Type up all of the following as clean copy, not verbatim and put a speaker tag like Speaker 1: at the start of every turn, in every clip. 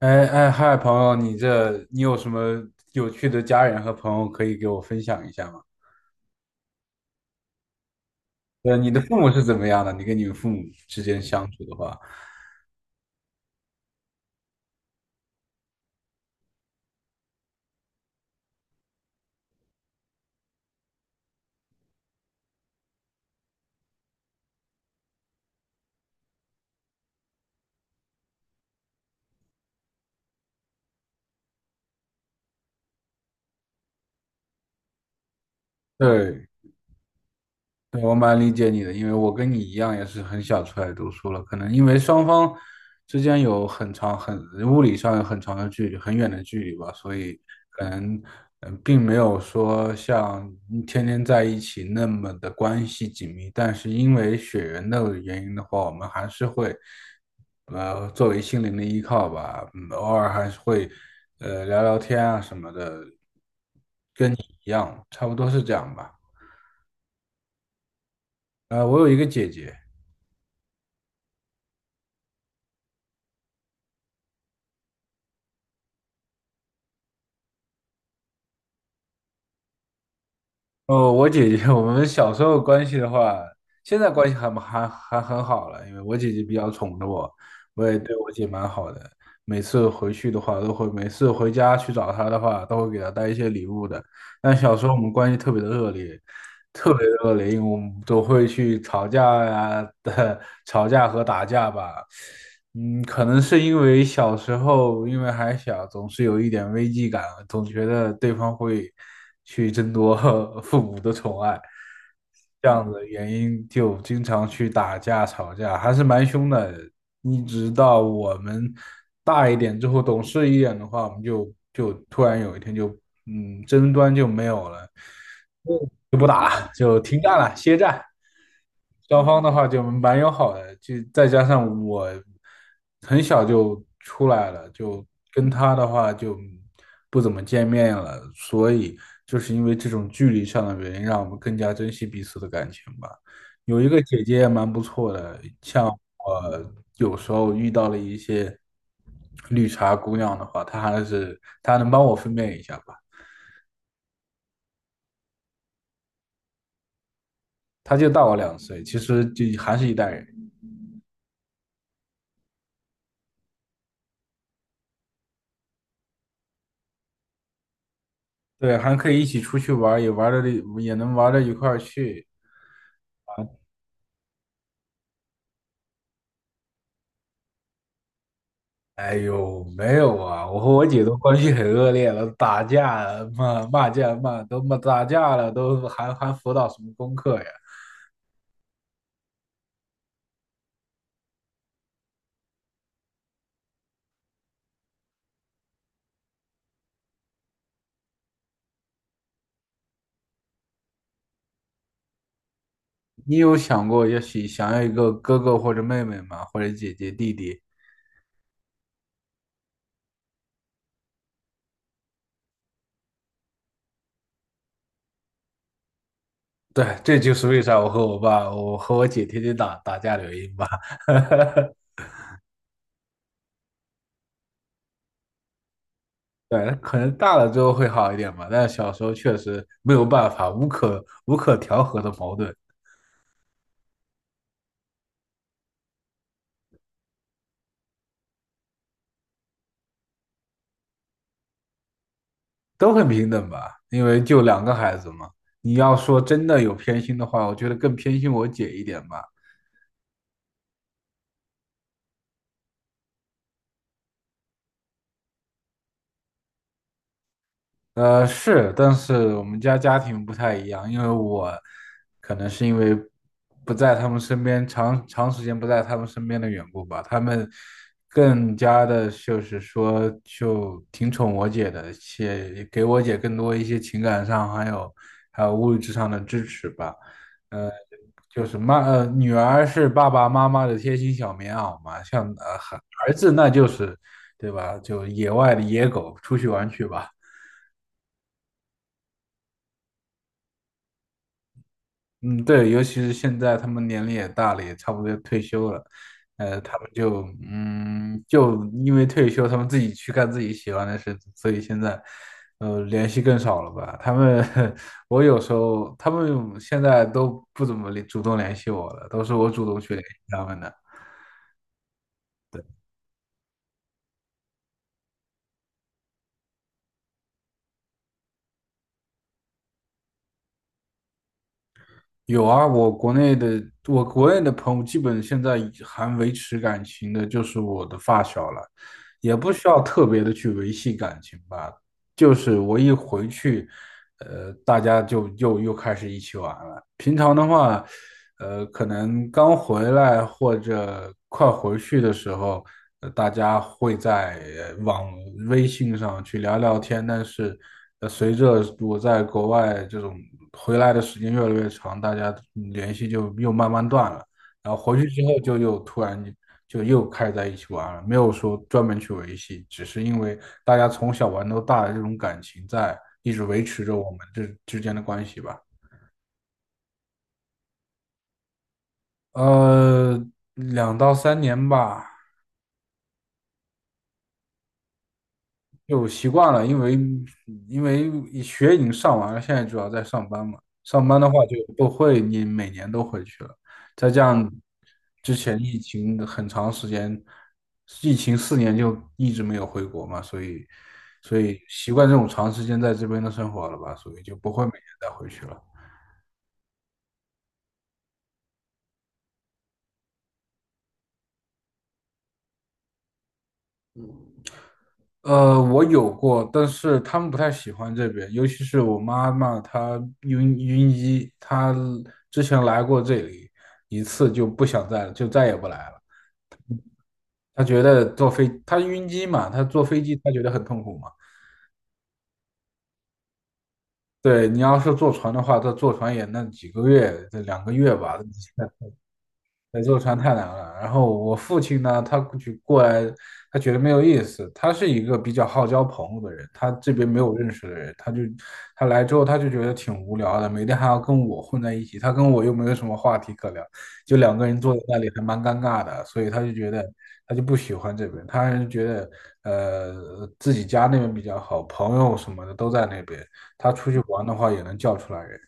Speaker 1: 嗨，朋友，你有什么有趣的家人和朋友可以给我分享一下吗？你的父母是怎么样的？你跟你们父母之间相处的话，对。对，我蛮理解你的，因为我跟你一样，也是很小出来读书了。可能因为双方之间有很长、很物理上有很长的距离、很远的距离吧，所以可能嗯，并没有说像天天在一起那么的关系紧密。但是因为血缘的原因的话，我们还是会作为心灵的依靠吧，嗯，偶尔还是会聊聊天啊什么的，一样，差不多是这样吧。我有一个姐姐。哦，我姐姐，我们小时候关系的话，现在关系还很好了，因为我姐姐比较宠着我，我也对我姐蛮好的。每次回去的话，每次回家去找她的话，都会给她带一些礼物的。但小时候我们关系特别的恶劣，特别的恶劣，因为我们都会去吵架呀、吵架和打架吧。嗯，可能是因为小时候，因为还小，总是有一点危机感，总觉得对方会去争夺 父母的宠爱，这样的原因就经常去打架吵架，还是蛮凶的。一直到我们大一点之后，懂事一点的话，我们突然有一天就争端就没有了，就不打了，就停战了，歇战。双方的话就蛮友好的，就再加上我很小就出来了，就跟他的话就不怎么见面了，所以就是因为这种距离上的原因，让我们更加珍惜彼此的感情吧。有一个姐姐也蛮不错的，像我有时候遇到了一些绿茶姑娘的话，她还是她能帮我分辨一下吧，她就大我两岁，其实就还是一代人。对，还可以一起出去玩儿，也能玩到一块儿去。哎呦，没有啊，我和我姐都关系很恶劣了，打架了骂架了，都还辅导什么功课呀？你有想过想要一个哥哥或者妹妹吗？或者姐姐弟弟？对，这就是为啥我和我姐天天打架的原因吧。对，可能大了之后会好一点吧，但小时候确实没有办法，无可调和的矛盾。都很平等吧，因为就两个孩子嘛。你要说真的有偏心的话，我觉得更偏心我姐一点吧。是，但是我们家家庭不太一样，因为我可能是因为不在他们身边，长时间不在他们身边的缘故吧，他们更加的就是说就挺宠我姐的，且给我姐更多一些情感上还有物质上的支持吧。呃，就是妈，女儿是爸爸妈妈的贴心小棉袄嘛，像儿子那就是，对吧？就野外的野狗，出去玩去吧。嗯，对，尤其是现在他们年龄也大了，也差不多要退休了，他们就就因为退休，他们自己去干自己喜欢的事，所以现在联系更少了吧？他们 我有时候他们现在都不怎么主动联系我了，都是我主动去联系他们的。有啊，我国内的朋友，基本现在还维持感情的，就是我的发小了，也不需要特别的去维系感情吧。就是我一回去，大家就又开始一起玩了。平常的话，可能刚回来或者快回去的时候，大家会在微信上去聊聊天。但是，随着我在国外这种回来的时间越来越长，大家联系就又慢慢断了。然后回去之后就又开在一起玩了，没有说专门去维系，只是因为大家从小玩到大的这种感情在，一直维持着我们这之间的关系吧。呃，两到三年吧，就习惯了，因为学已经上完了，现在主要在上班嘛。上班的话就不会，你每年都回去了。再加上之前疫情的很长时间，疫情四年就一直没有回国嘛，所以习惯这种长时间在这边的生活了吧，所以就不会每年再回去了。我有过，但是他们不太喜欢这边，尤其是我妈妈，晕机，她之前来过这里一次就再也不来了。她觉得她晕机嘛，她坐飞机她觉得很痛苦嘛。对，你要是坐船的话，她坐船也那几个月，这两个月吧，在坐船太难了。然后我父亲呢，他过去过来，他觉得没有意思。他是一个比较好交朋友的人，他这边没有认识的人，他来之后他就觉得挺无聊的，每天还要跟我混在一起，他跟我又没有什么话题可聊，就两个人坐在那里还蛮尴尬的，所以他就不喜欢这边，他还是觉得自己家那边比较好，朋友什么的都在那边，他出去玩的话也能叫出来人。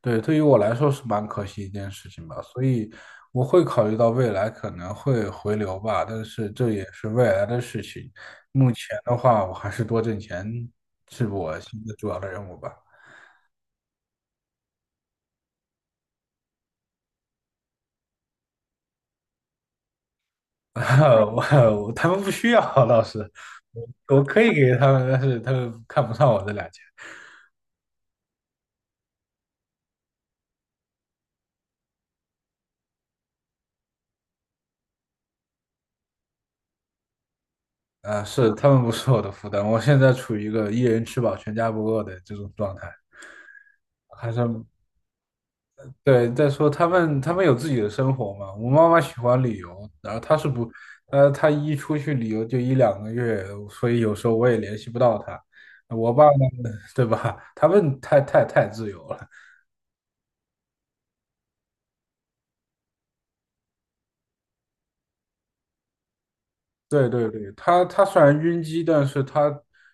Speaker 1: 对，对于我来说是蛮可惜一件事情吧，所以我会考虑到未来可能会回流吧，但是这也是未来的事情。目前的话，我还是多挣钱是我现在主要的任务吧。我我他们不需要，老师，我我可以给他们，但是他们看不上我这俩钱。是他们不是我的负担，我现在处于一个一人吃饱全家不饿的这种状态，还是对，再说他们有自己的生活嘛。我妈妈喜欢旅游，然后她是不，她一出去旅游就一两个月，所以有时候我也联系不到她。我爸呢，对吧？他们太自由了。对对对，他他虽然晕机，但是他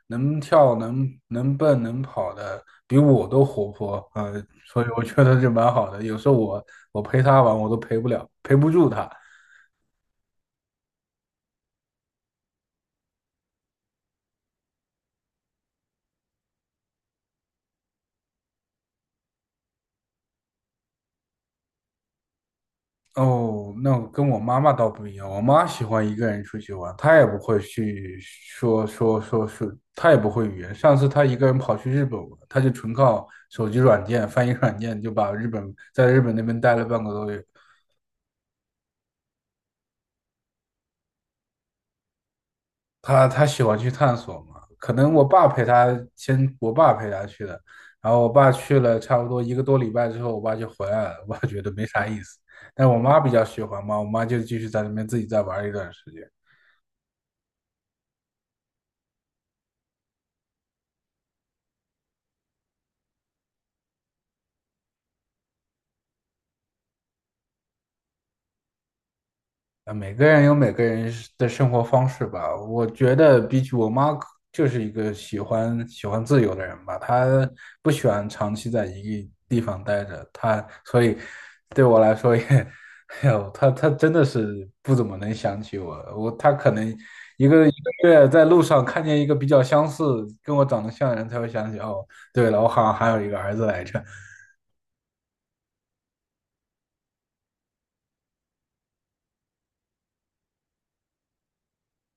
Speaker 1: 能跳，能蹦，能跑的，比我都活泼。啊。所以我觉得就蛮好的。有时候我我陪他玩，我都陪不了，陪不住他。哦，那我跟我妈妈倒不一样，我妈喜欢一个人出去玩，她也不会去说，她也不会语言。上次她一个人跑去日本玩，她就纯靠手机软件、翻译软件就把日本在日本那边待了半个多月。她喜欢去探索嘛，可能我爸陪她先，我爸陪她去的，然后我爸去了差不多一个多礼拜之后，我爸就回来了，我爸觉得没啥意思。但我妈比较喜欢嘛，我妈就继续在那边自己再玩一段时间。啊，每个人是的生活方式吧。我觉得比起我妈，就是一个喜欢自由的人吧。她不喜欢长期在一个地方待着，所以对我来说也，哎呦，她真的是不怎么能想起我。她可能一个一个月在路上看见一个比较相似、跟我长得像的人，才会想起哦，对了，我好像还有一个儿子来着。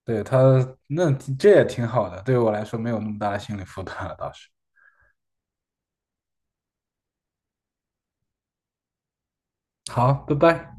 Speaker 1: 对她，那这也挺好的，对于我来说没有那么大的心理负担了，倒是。好，拜拜。